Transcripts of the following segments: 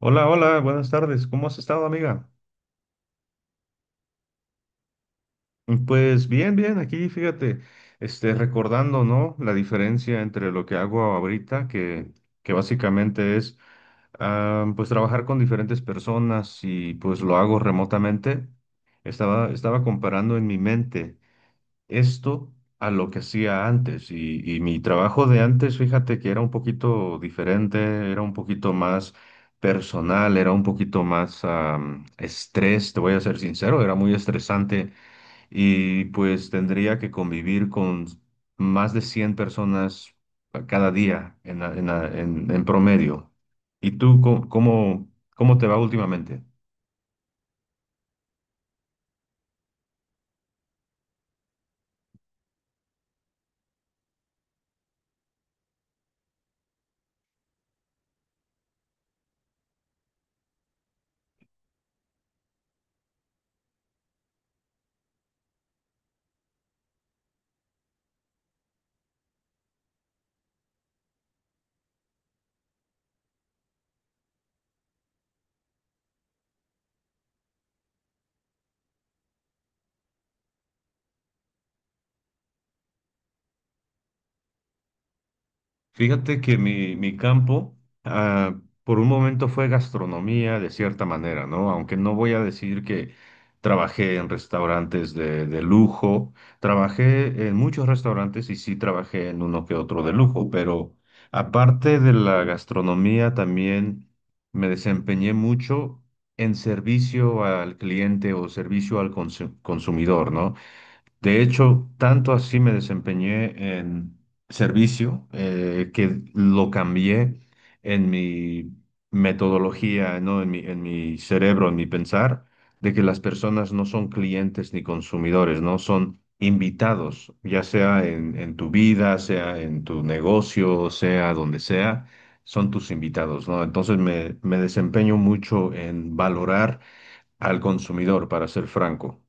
Hola, hola, buenas tardes. ¿Cómo has estado, amiga? Pues bien, bien, aquí fíjate, recordando, ¿no? La diferencia entre lo que hago ahorita, que básicamente es, pues trabajar con diferentes personas y pues lo hago remotamente. Estaba comparando en mi mente esto a lo que hacía antes. Y mi trabajo de antes, fíjate que era un poquito diferente, era un poquito más personal, era un poquito más estrés, te voy a ser sincero, era muy estresante y pues tendría que convivir con más de 100 personas cada día en promedio. ¿Y tú cómo te va últimamente? Fíjate que mi campo, ah, por un momento fue gastronomía de cierta manera, ¿no? Aunque no voy a decir que trabajé en restaurantes de lujo, trabajé en muchos restaurantes y sí trabajé en uno que otro de lujo, pero aparte de la gastronomía también me desempeñé mucho en servicio al cliente o servicio al consumidor, ¿no? De hecho, tanto así me desempeñé en servicio que lo cambié en mi metodología, ¿no? En mi cerebro, en mi pensar, de que las personas no son clientes ni consumidores, ¿no? Son invitados, ya sea en tu vida, sea en tu negocio, sea donde sea, son tus invitados, ¿no? Entonces me desempeño mucho en valorar al consumidor, para ser franco.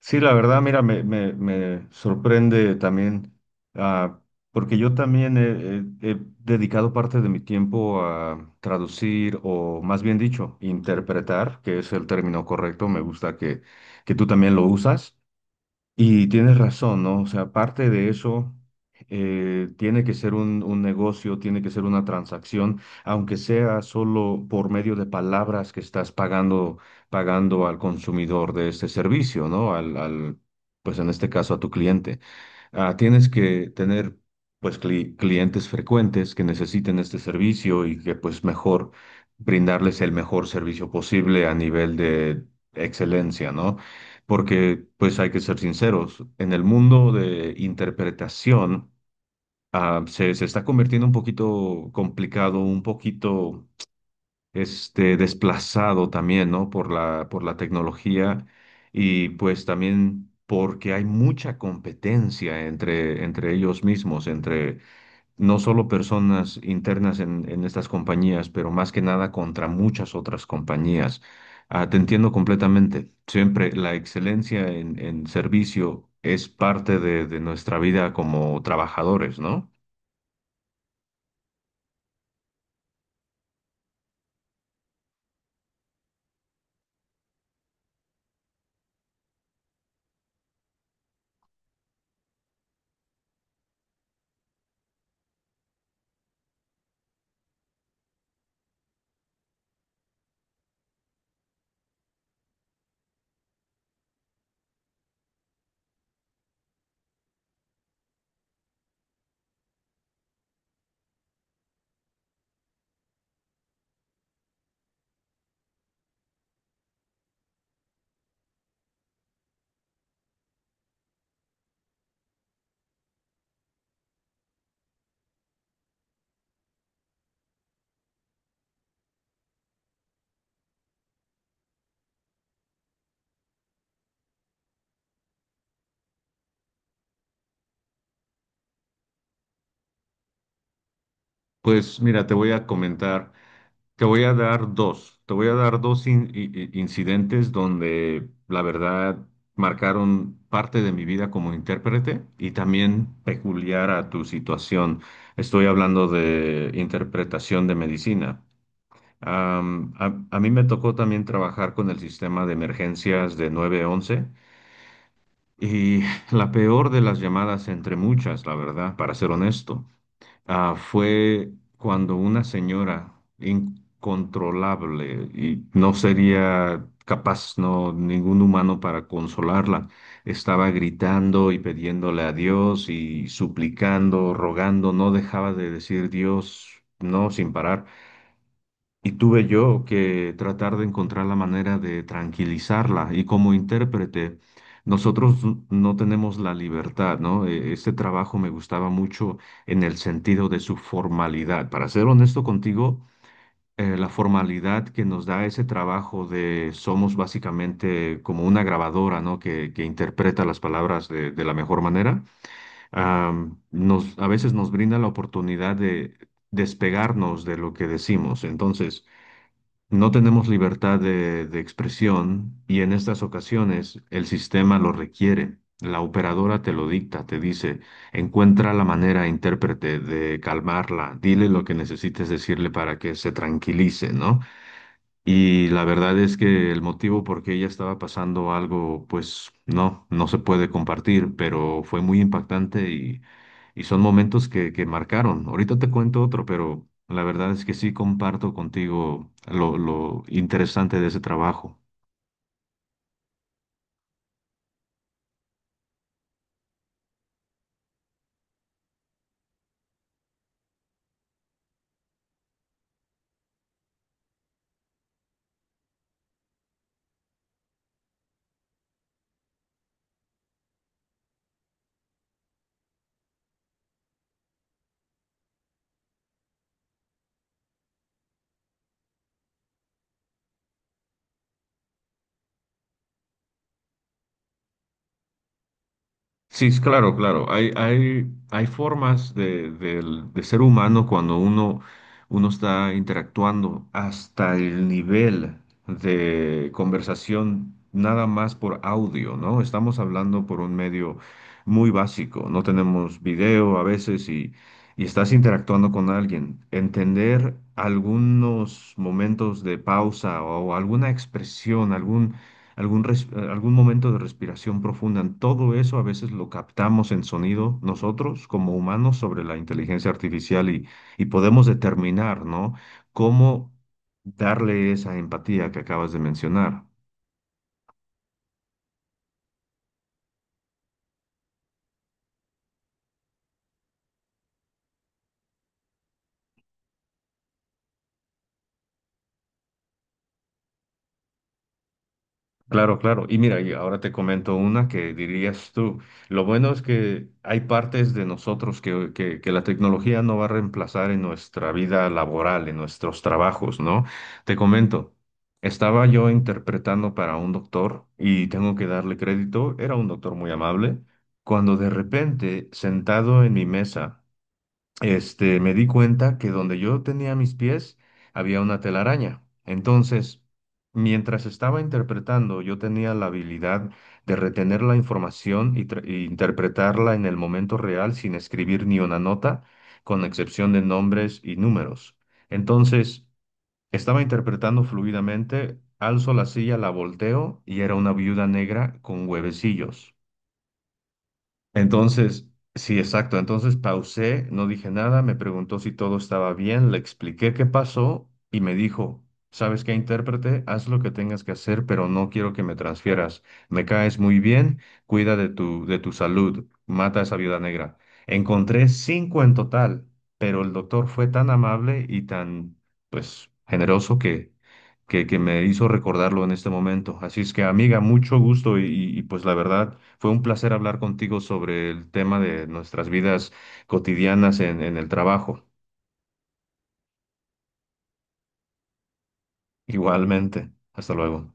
Sí, la verdad, mira, me sorprende también, ah, porque yo también he dedicado parte de mi tiempo a traducir o más bien dicho, interpretar, que es el término correcto, me gusta que tú también lo usas. Y tienes razón, ¿no? O sea, aparte de eso, tiene que ser un negocio, tiene que ser una transacción, aunque sea solo por medio de palabras que estás pagando al consumidor de este servicio, ¿no? Pues en este caso a tu cliente. Ah, tienes que tener pues clientes frecuentes que necesiten este servicio y que pues mejor brindarles el mejor servicio posible a nivel de excelencia, ¿no? Porque pues hay que ser sinceros, en el mundo de interpretación se está convirtiendo un poquito complicado, un poquito desplazado también, ¿no? Por la tecnología y pues también porque hay mucha competencia entre ellos mismos, entre no solo personas internas en estas compañías, pero más que nada contra muchas otras compañías. Ah, te entiendo completamente. Siempre la excelencia en servicio es parte de nuestra vida como trabajadores, ¿no? Pues mira, te voy a comentar. Te voy a dar dos, te voy a dar dos incidentes donde la verdad marcaron parte de mi vida como intérprete y también peculiar a tu situación. Estoy hablando de interpretación de medicina. Am, a, a mí me tocó también trabajar con el sistema de emergencias de 911 y la peor de las llamadas entre muchas, la verdad, para ser honesto fue cuando una señora incontrolable y no sería capaz, no, ningún humano para consolarla, estaba gritando y pidiéndole a Dios y suplicando, rogando, no dejaba de decir Dios, no, sin parar. Y tuve yo que tratar de encontrar la manera de tranquilizarla. Y como intérprete, nosotros no tenemos la libertad, ¿no? Este trabajo me gustaba mucho en el sentido de su formalidad. Para ser honesto contigo, la formalidad que nos da ese trabajo de somos básicamente como una grabadora, ¿no? Que interpreta las palabras de la mejor manera, a veces nos brinda la oportunidad de despegarnos de lo que decimos. Entonces, no tenemos libertad de expresión y en estas ocasiones el sistema lo requiere. La operadora te lo dicta, te dice, encuentra la manera, intérprete, de calmarla, dile lo que necesites decirle para que se tranquilice, ¿no? Y la verdad es que el motivo por qué ella estaba pasando algo, pues no, no se puede compartir, pero fue muy impactante y son momentos que marcaron. Ahorita te cuento otro, pero la verdad es que sí comparto contigo lo interesante de ese trabajo. Sí, es claro, claro. Hay formas de ser humano cuando uno está interactuando hasta el nivel de conversación nada más por audio, ¿no? Estamos hablando por un medio muy básico, no tenemos video a veces y estás interactuando con alguien. Entender algunos momentos de pausa o alguna expresión, algún momento de respiración profunda. Todo eso a veces lo captamos en sonido nosotros como humanos sobre la inteligencia artificial y podemos determinar, ¿no? Cómo darle esa empatía que acabas de mencionar. Claro, claro. Y mira, y ahora te comento una que dirías tú. Lo bueno es que hay partes de nosotros que la tecnología no va a reemplazar en nuestra vida laboral, en nuestros trabajos, ¿no? Te comento, estaba yo interpretando para un doctor y tengo que darle crédito, era un doctor muy amable, cuando de repente, sentado en mi mesa, me di cuenta que donde yo tenía mis pies había una telaraña. Entonces, mientras estaba interpretando, yo tenía la habilidad de retener la información y, e interpretarla en el momento real sin escribir ni una nota, con excepción de nombres y números. Entonces, estaba interpretando fluidamente, alzo la silla, la volteo y era una viuda negra con huevecillos. Entonces, sí, exacto. Entonces pausé, no dije nada, me preguntó si todo estaba bien, le expliqué qué pasó y me dijo, ¿sabes qué, intérprete? Haz lo que tengas que hacer, pero no quiero que me transfieras. Me caes muy bien, cuida de tu salud, mata a esa viuda negra. Encontré cinco en total, pero el doctor fue tan amable y tan, pues, generoso que me hizo recordarlo en este momento. Así es que, amiga, mucho gusto pues la verdad fue un placer hablar contigo sobre el tema de nuestras vidas cotidianas en el trabajo. Igualmente. Hasta luego.